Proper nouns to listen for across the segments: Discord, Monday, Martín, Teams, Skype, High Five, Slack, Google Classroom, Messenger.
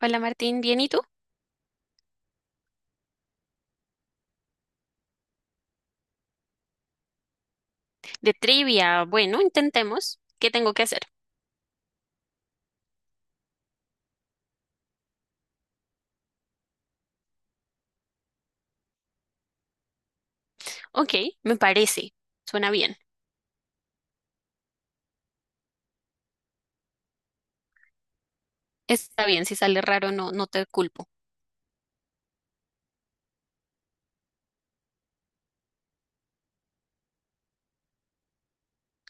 Hola Martín, ¿bien y tú? De trivia, bueno, intentemos. ¿Qué tengo que hacer? Ok, me parece. Suena bien. Está bien, si sale raro, no te culpo.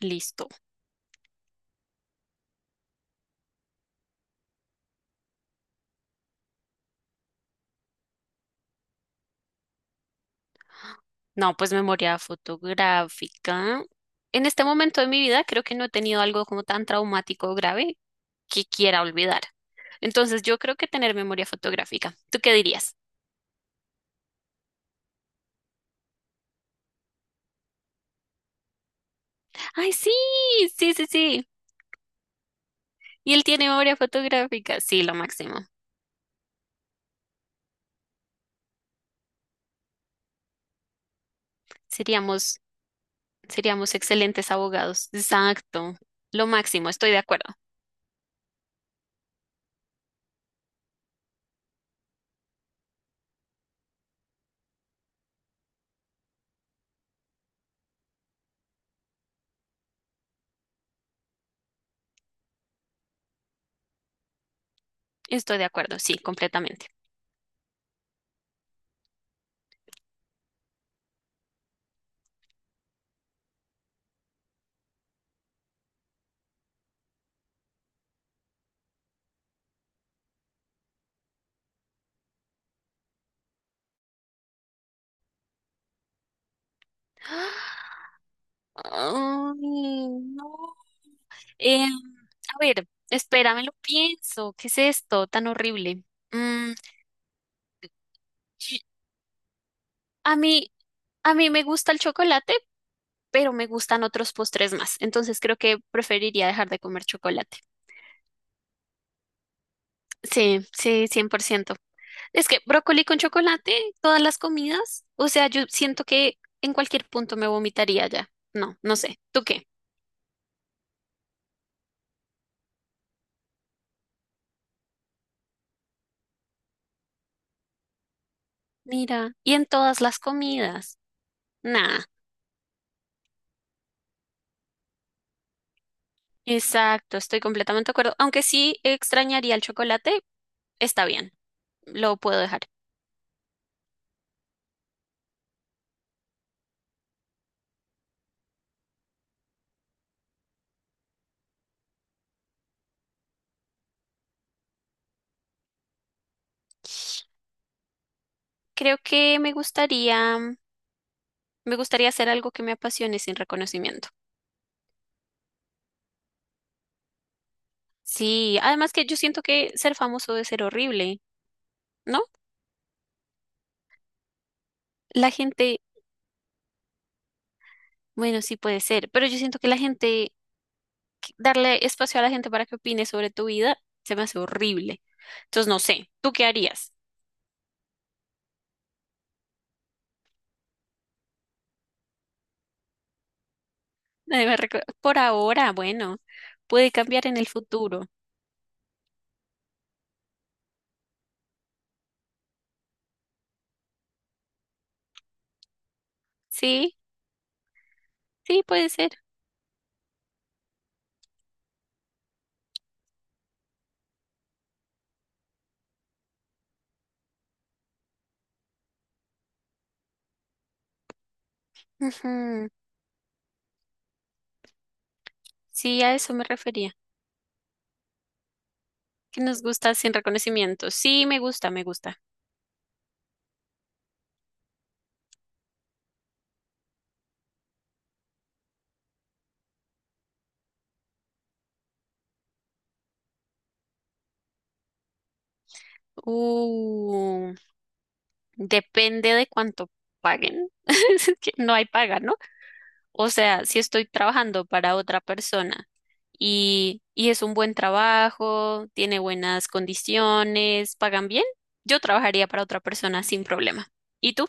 Listo. No, pues memoria fotográfica. En este momento de mi vida creo que no he tenido algo como tan traumático o grave que quiera olvidar. Entonces yo creo que tener memoria fotográfica. ¿Tú qué dirías? Ay, sí, sí, sí, sí. Y él tiene memoria fotográfica. Sí, lo máximo. Seríamos Seríamos excelentes abogados. Exacto. Lo máximo. Estoy de acuerdo. Estoy de acuerdo. Sí, completamente. Ay, no. A ver, espérame, lo pienso. ¿Qué es esto tan horrible? Mm, chi- a mí, a mí me gusta el chocolate, pero me gustan otros postres más. Entonces creo que preferiría dejar de comer chocolate. Sí, sí, 100%. Es que brócoli con chocolate, todas las comidas, o sea, yo siento que en cualquier punto me vomitaría ya. No, no sé. ¿Tú qué? Mira, y en todas las comidas. Nada. Exacto, estoy completamente de acuerdo. Aunque sí extrañaría el chocolate, está bien, lo puedo dejar. Creo que me gustaría, Me gustaría hacer algo que me apasione sin reconocimiento. Sí, además que yo siento que ser famoso debe ser horrible, ¿no? La gente, bueno, sí puede ser, pero yo siento que darle espacio a la gente para que opine sobre tu vida, se me hace horrible. Entonces, no sé, ¿tú qué harías? Por ahora, bueno, puede cambiar en el futuro. Sí, sí, puede ser. Ujú. Sí, a eso me refería. ¿Qué nos gusta sin reconocimiento? Sí, me gusta, me gusta. Uh. Depende de cuánto paguen. Es que no hay paga, ¿no? O sea, si estoy trabajando para otra persona y es un buen trabajo, tiene buenas condiciones, pagan bien, yo trabajaría para otra persona sin problema. ¿Y tú?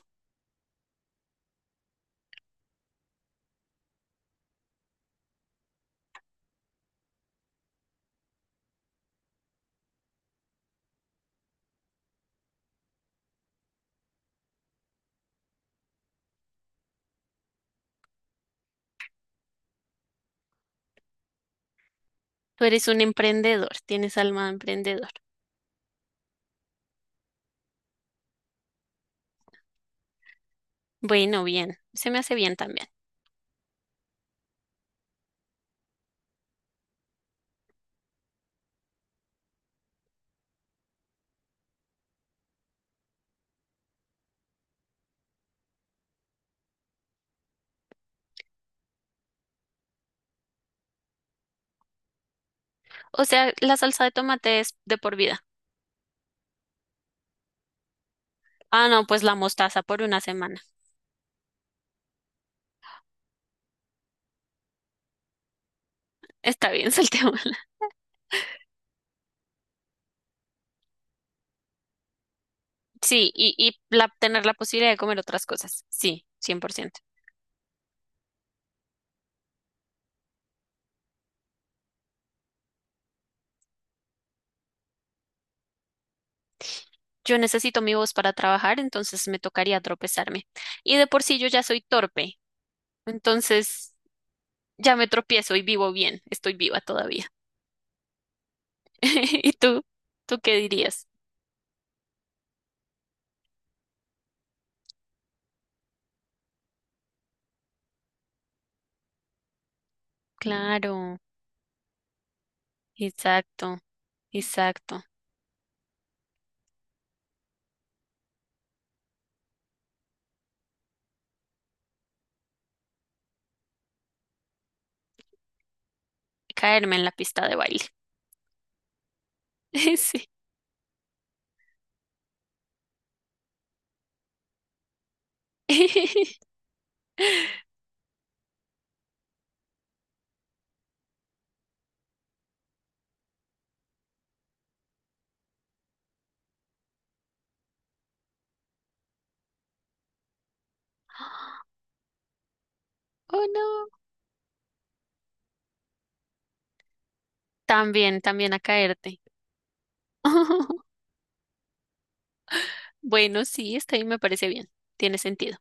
Tú eres un emprendedor, tienes alma de emprendedor. Bueno, bien, se me hace bien también. O sea, la salsa de tomate es de por vida. Ah, no, pues la mostaza por una semana. Está bien, saltemos. Sí, tener la posibilidad de comer otras cosas. Sí, cien por ciento. Yo necesito mi voz para trabajar, entonces me tocaría tropezarme. Y de por sí yo ya soy torpe, entonces ya me tropiezo y vivo bien, estoy viva todavía. ¿Y tú? ¿Tú qué dirías? Claro, exacto, exacto. Caerme en la pista de baile. Sí. Oh, no. También, también a caerte. Bueno, sí, está bien, me parece bien. Tiene sentido.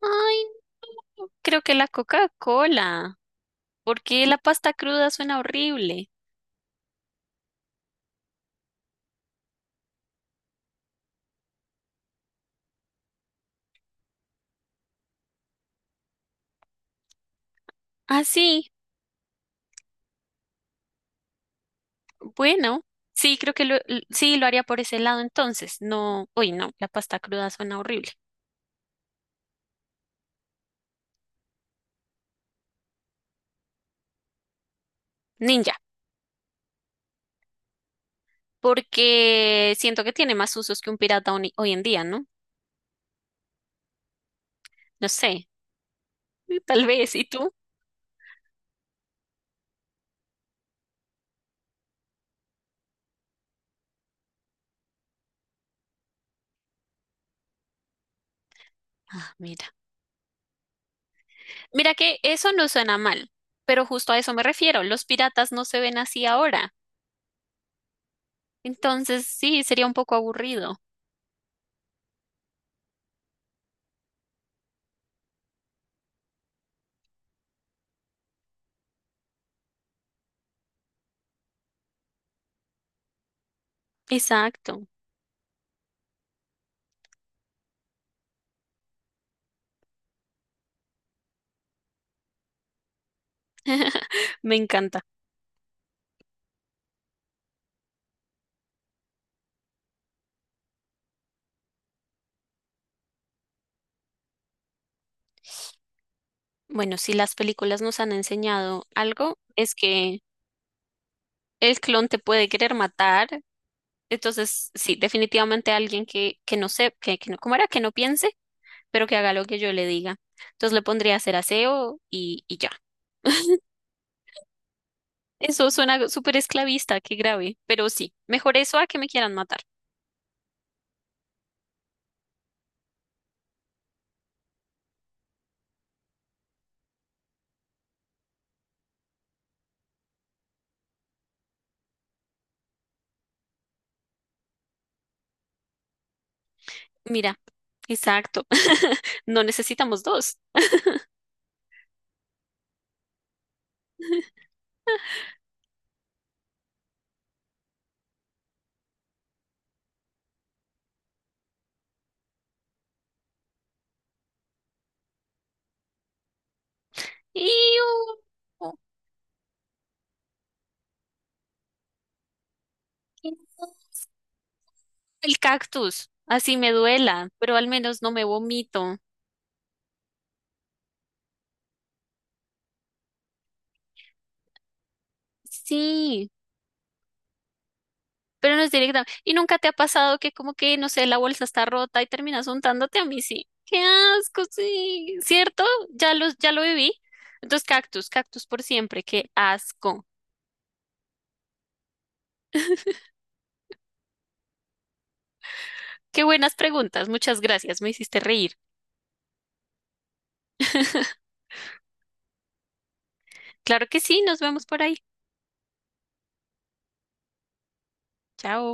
Ay, no, creo que la Coca-Cola, porque la pasta cruda suena horrible. Ah, sí, bueno, sí, creo que sí lo haría por ese lado entonces. No, uy, no, la pasta cruda suena horrible. Ninja, porque siento que tiene más usos que un pirata hoy en día, ¿no? No sé, tal vez, ¿y tú? Ah, mira. Mira que eso no suena mal, pero justo a eso me refiero. Los piratas no se ven así ahora. Entonces, sí, sería un poco aburrido. Exacto, me encanta. Bueno, si las películas nos han enseñado algo, es que el clon te puede querer matar. Entonces, sí, definitivamente alguien que no sé, que no, ¿cómo era? Que no piense, pero que haga lo que yo le diga. Entonces le pondría a hacer aseo y ya. Eso suena súper esclavista, qué grave. Pero sí, mejor eso a que me quieran matar. Mira, exacto. No necesitamos dos. ¡Iu! El cactus. Así me duela, pero al menos no me vomito. Sí, pero no es directamente. ¿Y nunca te ha pasado que como que, no sé, la bolsa está rota y terminas untándote a mí? Sí. Qué asco, sí. ¿Cierto? Ya lo viví. Entonces, cactus, cactus por siempre. Qué asco. Qué buenas preguntas. Muchas gracias. Me hiciste reír. Claro que sí. Nos vemos por ahí. Chao.